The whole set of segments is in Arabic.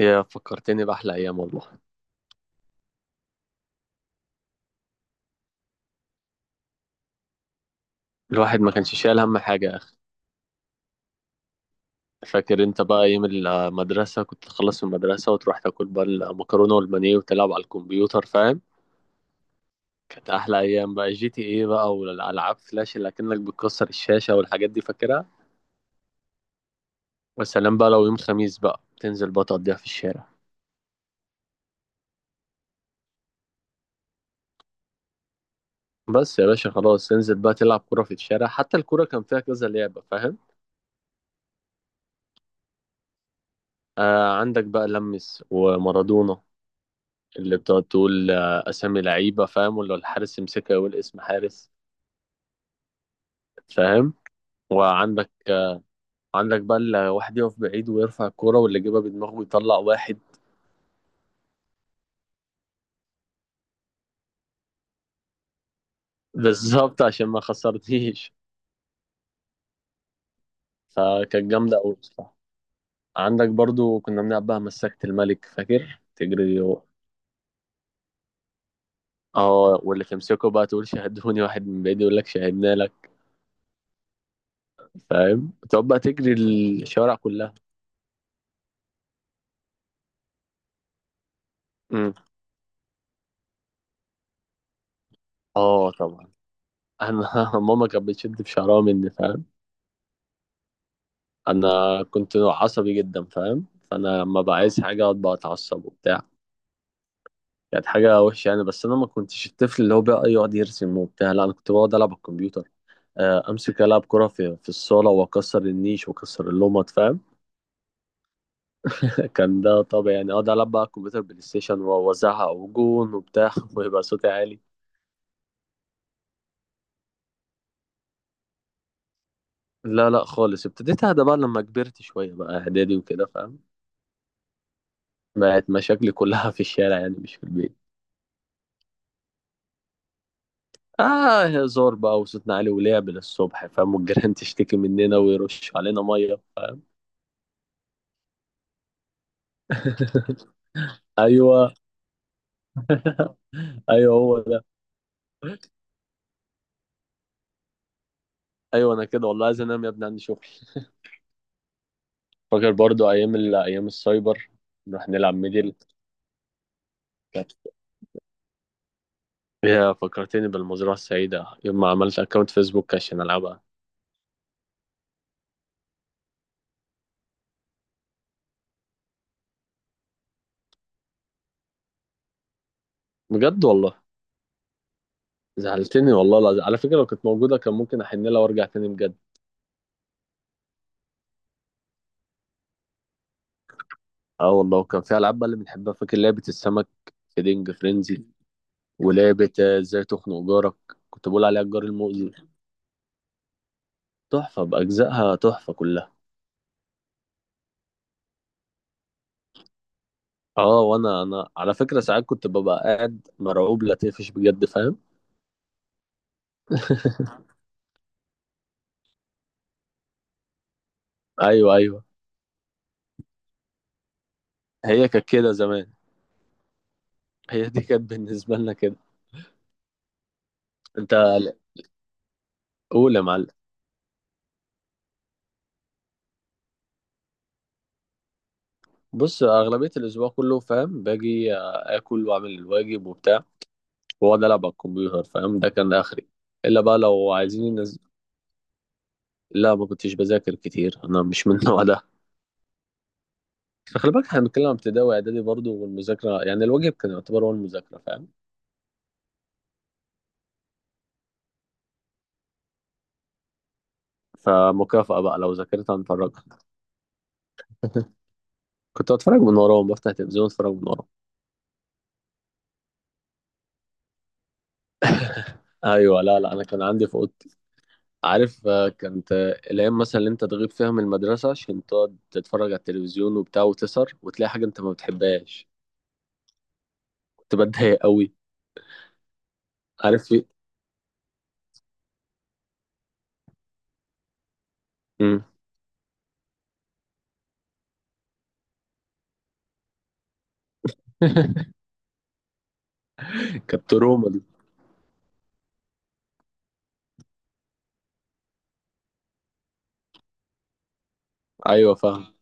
يا فكرتني بأحلى أيام والله. الواحد ما كانش شايل هم حاجة يا أخي. فاكر أنت بقى أيام المدرسة؟ كنت تخلص من المدرسة وتروح تاكل بقى المكرونة والبانيه وتلعب على الكمبيوتر، فاهم؟ كانت أحلى أيام بقى، جي تي إيه بقى والألعاب فلاش اللي أكنك بتكسر الشاشة والحاجات دي، فاكرها. والسلام بقى لو يوم خميس بقى تنزل بقى تقضيها في الشارع. بس يا باشا خلاص تنزل بقى تلعب كرة في الشارع، حتى الكرة كان فيها كذا لعبة، فاهم؟ آه، عندك بقى لمس ومارادونا اللي بتقعد تقول اسامي لعيبه، فاهم؟ ولا الحارس يمسكها يقول اسم حارس، فاهم؟ وعندك آه، عندك بقى اللي واحد يقف بعيد ويرفع الكوره، واللي يجيبها بدماغه يطلع واحد. بالظبط، عشان ما خسرتيش. فكانت جامده قوي بصراحه. عندك برضو كنا بنلعب بقى مسكت الملك، فاكر تجري اه، واللي تمسكه بقى تقول شاهدوني، واحد من بعيد يقول لك شاهدنا لك، فاهم؟ تقعد بقى تجري الشوارع كلها. امم، اه طبعا. انا ماما كانت بتشد في شعرها مني، فاهم؟ انا كنت نوع عصبي جدا، فاهم؟ فانا لما بقى عايز حاجه اقعد بقى اتعصب وبتاع. كانت حاجه وحشه يعني. بس انا ما كنتش الطفل اللي هو بقى يقعد يرسم وبتاع، لا انا كنت بقعد العب على الكمبيوتر. امسك العب كره في الصاله، واكسر النيش واكسر اللمط، فاهم؟ كان ده طبيعي يعني، اقعد العب بقى على الكمبيوتر بلاي ستيشن واوزعها وجون وبتاع ويبقى صوتي عالي. لا لا خالص، ابتديت اهدى بقى لما كبرت شويه بقى، اعدادي وكده، فاهم؟ بقت مشاكلي كلها في الشارع يعني، مش في البيت. اه، هزار بقى وصوتنا عالي ولعب للصبح، فاهم؟ والجيران تشتكي مننا ويرش علينا ميه. ايوه ايوه، هو ده. ايوه، انا كده والله، عايز انام يا ابني، عندي شغل. فاكر برضو ايام ال... ايام السايبر، نروح نلعب ميدل. كانت- يا فكرتني بالمزرعه السعيده يوم ما عملت اكونت فيسبوك عشان العبها. بجد والله؟ زعلتني والله العظيم. على فكره لو كانت موجوده كان ممكن احن لها وارجع تاني بجد. اه والله، وكان في العاب بقى اللي بنحبها. فاكر لعبه السمك، في دينج فرينزي؟ ولعبة ازاي تخنق جارك، كنت بقول عليها الجار المؤذي. تحفة بأجزائها، تحفة كلها. اه، وانا على فكرة، ساعات كنت ببقى قاعد مرعوب لا تقفش، بجد فاهم؟ ايوه ايوه، هي كانت كده زمان، هي دي كانت بالنسبة لنا كده. انت قول يا معلم. بص، اغلبية الاسبوع كله فاهم، باجي اكل واعمل الواجب وبتاع، واقعد العب على الكمبيوتر، فاهم؟ ده كان اخري، الا بقى لو عايزين ينزل. لا، ما كنتش بذاكر كتير، انا مش من النوع ده. فخلي بالك احنا بنتكلم عن ابتدائي واعدادي برضه، والمذاكره يعني الواجب كان يعتبر هو المذاكره، فاهم؟ فمكافأة بقى لو ذاكرت هنفرجها. كنت بتفرج من وراهم، بفتح تلفزيون اتفرج من وراهم. ايوه، لا لا، انا كان عندي في اوضتي. عارف كانت الايام مثلا اللي انت تغيب فيها من المدرسه عشان تقعد تتفرج على التلفزيون وبتاع وتسهر، وتلاقي حاجه انت ما بتحبهاش، كنت بتضايق قوي. عارف في إيه؟ مم. كانت تروما دي. ايوه فاهم.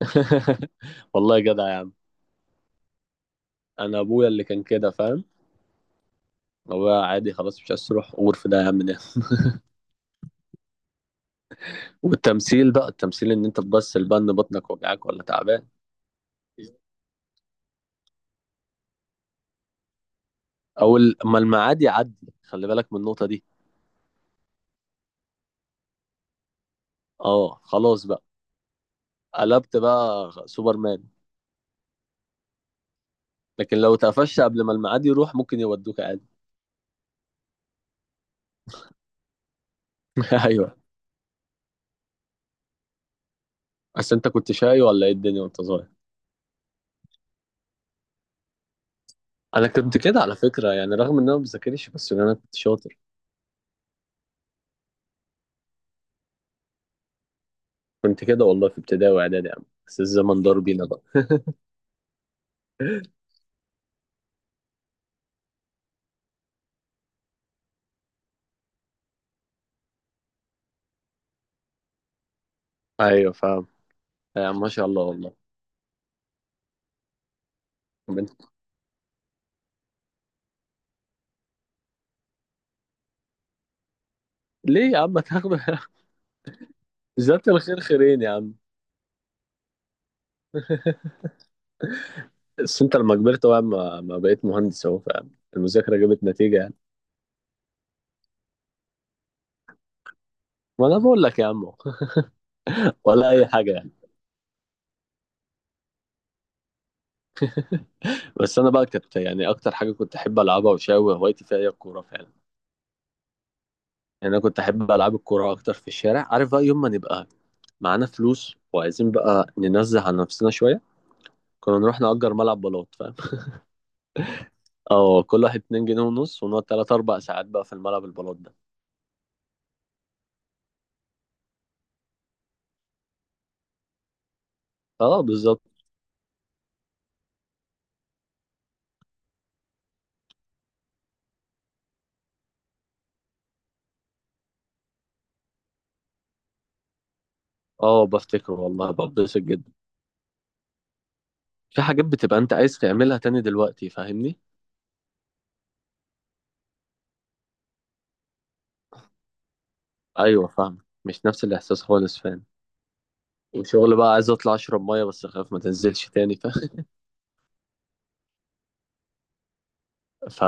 والله جدع يا عم. انا ابويا اللي كان كده، فاهم؟ هو عادي، خلاص مش عايز تروح غرف ده يا عم ده. والتمثيل بقى، التمثيل ان انت تبص البن بطنك وجعاك ولا تعبان. او اما الميعاد يعدي، خلي بالك من النقطه دي. اه خلاص بقى، قلبت بقى سوبرمان. لكن لو اتقفشت قبل ما الميعاد يروح ممكن يودوك عادي. ايوه. بس انت كنت شاي ولا ايه الدنيا وانت صغير؟ انا كنت كده على فكره يعني، رغم ان انا ما بذاكرش بس ان انا كنت شاطر. كنت كده والله في ابتدائي واعدادي يا عم، بس الزمن دار بينا بقى. ايوه فاهم. يا عم ما شاء الله والله. طب انت- ليه يا عم هتاخد؟ جزاك الخير خيرين يا عم. بس انت لما كبرت بقى ما بقيت مهندس اهو، فالمذاكره جابت نتيجه يعني. ما انا بقول لك يا عم. ولا اي حاجه يعني. بس انا بقى كنت يعني اكتر حاجه كنت احب العبها وشاوي هوايتي فيها هي الكوره فعلا. يعني انا كنت احب العب الكوره اكتر في الشارع. عارف بقى يوم ما نبقى معانا فلوس وعايزين بقى ننزه عن نفسنا شويه، كنا نروح نأجر ملعب بلاط، فاهم؟ اه، كل واحد 2 جنيه ونص، ونقعد 3 4 ساعات بقى في الملعب البلاط ده. اه بالظبط. اه بفتكر والله، ببسط جدا. في حاجات بتبقى انت عايز تعملها تاني دلوقتي، فاهمني؟ ايوه فاهم، مش نفس الاحساس خالص، فاهم؟ وشغل بقى عايز اطلع اشرب ميه بس اخاف ما تنزلش تاني، فاهم؟ ف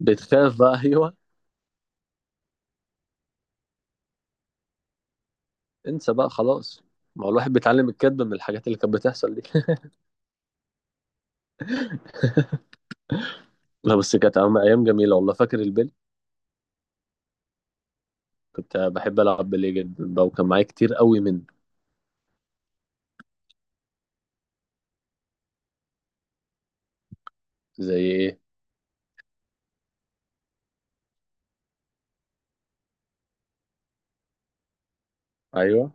بتخاف بقى، ايوه. انسى بقى خلاص. ما هو الواحد بيتعلم الكذب من الحاجات اللي كانت بتحصل دي. لا بس كانت أيام، أيام جميلة والله. فاكر البلي؟ كنت بحب ألعب بلي جدا بقى، وكان معايا كتير قوي منه. زي إيه؟ أيوه.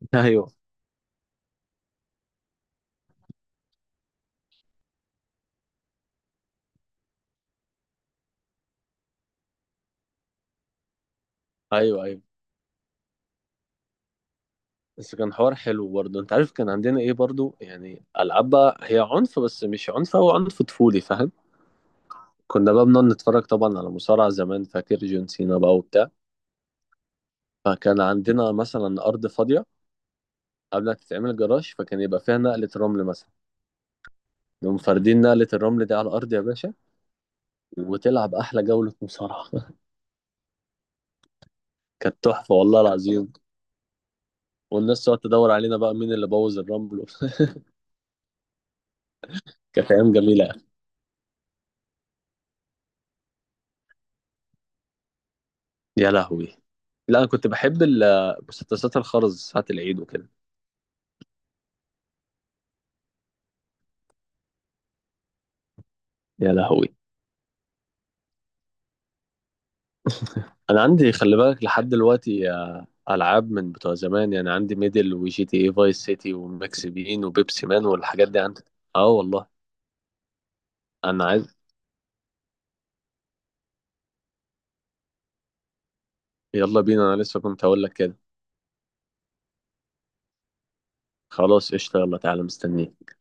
أيوه أيوه أيوه. بس كان حوار حلو برضه. أنت عارف كان عندنا إيه برضه يعني؟ ألعاب بقى هي عنف، بس مش عنف، هو عنف طفولي، فاهم؟ كنا بقى بنقعد نتفرج طبعا على مصارعة زمان، فاكر جون سينا بقى وبتاع. فكان عندنا مثلا أرض فاضية قبل ما تتعمل جراج، فكان يبقى فيها نقلة رمل مثلا. نقوم فاردين نقلة الرمل دي على الأرض يا باشا، وتلعب أحلى جولة مصارعة. كانت تحفة والله العظيم. والناس تقعد تدور علينا بقى مين اللي بوظ الرمل. كانت أيام جميلة. يا لهوي. لا أنا كنت بحب مسدسات الخرز ساعة العيد وكده. يا لهوي. انا عندي، خلي بالك، لحد دلوقتي العاب من بتوع زمان يعني. عندي ميدل وجي تي اي فايس سيتي وماكس بين وبيبسي مان والحاجات دي عندي. اه والله. انا عايز. يلا بينا، انا لسه كنت هقول لك كده. خلاص قشطه، يلا تعالى مستنيك.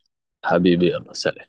حبيبي، يلا سلام.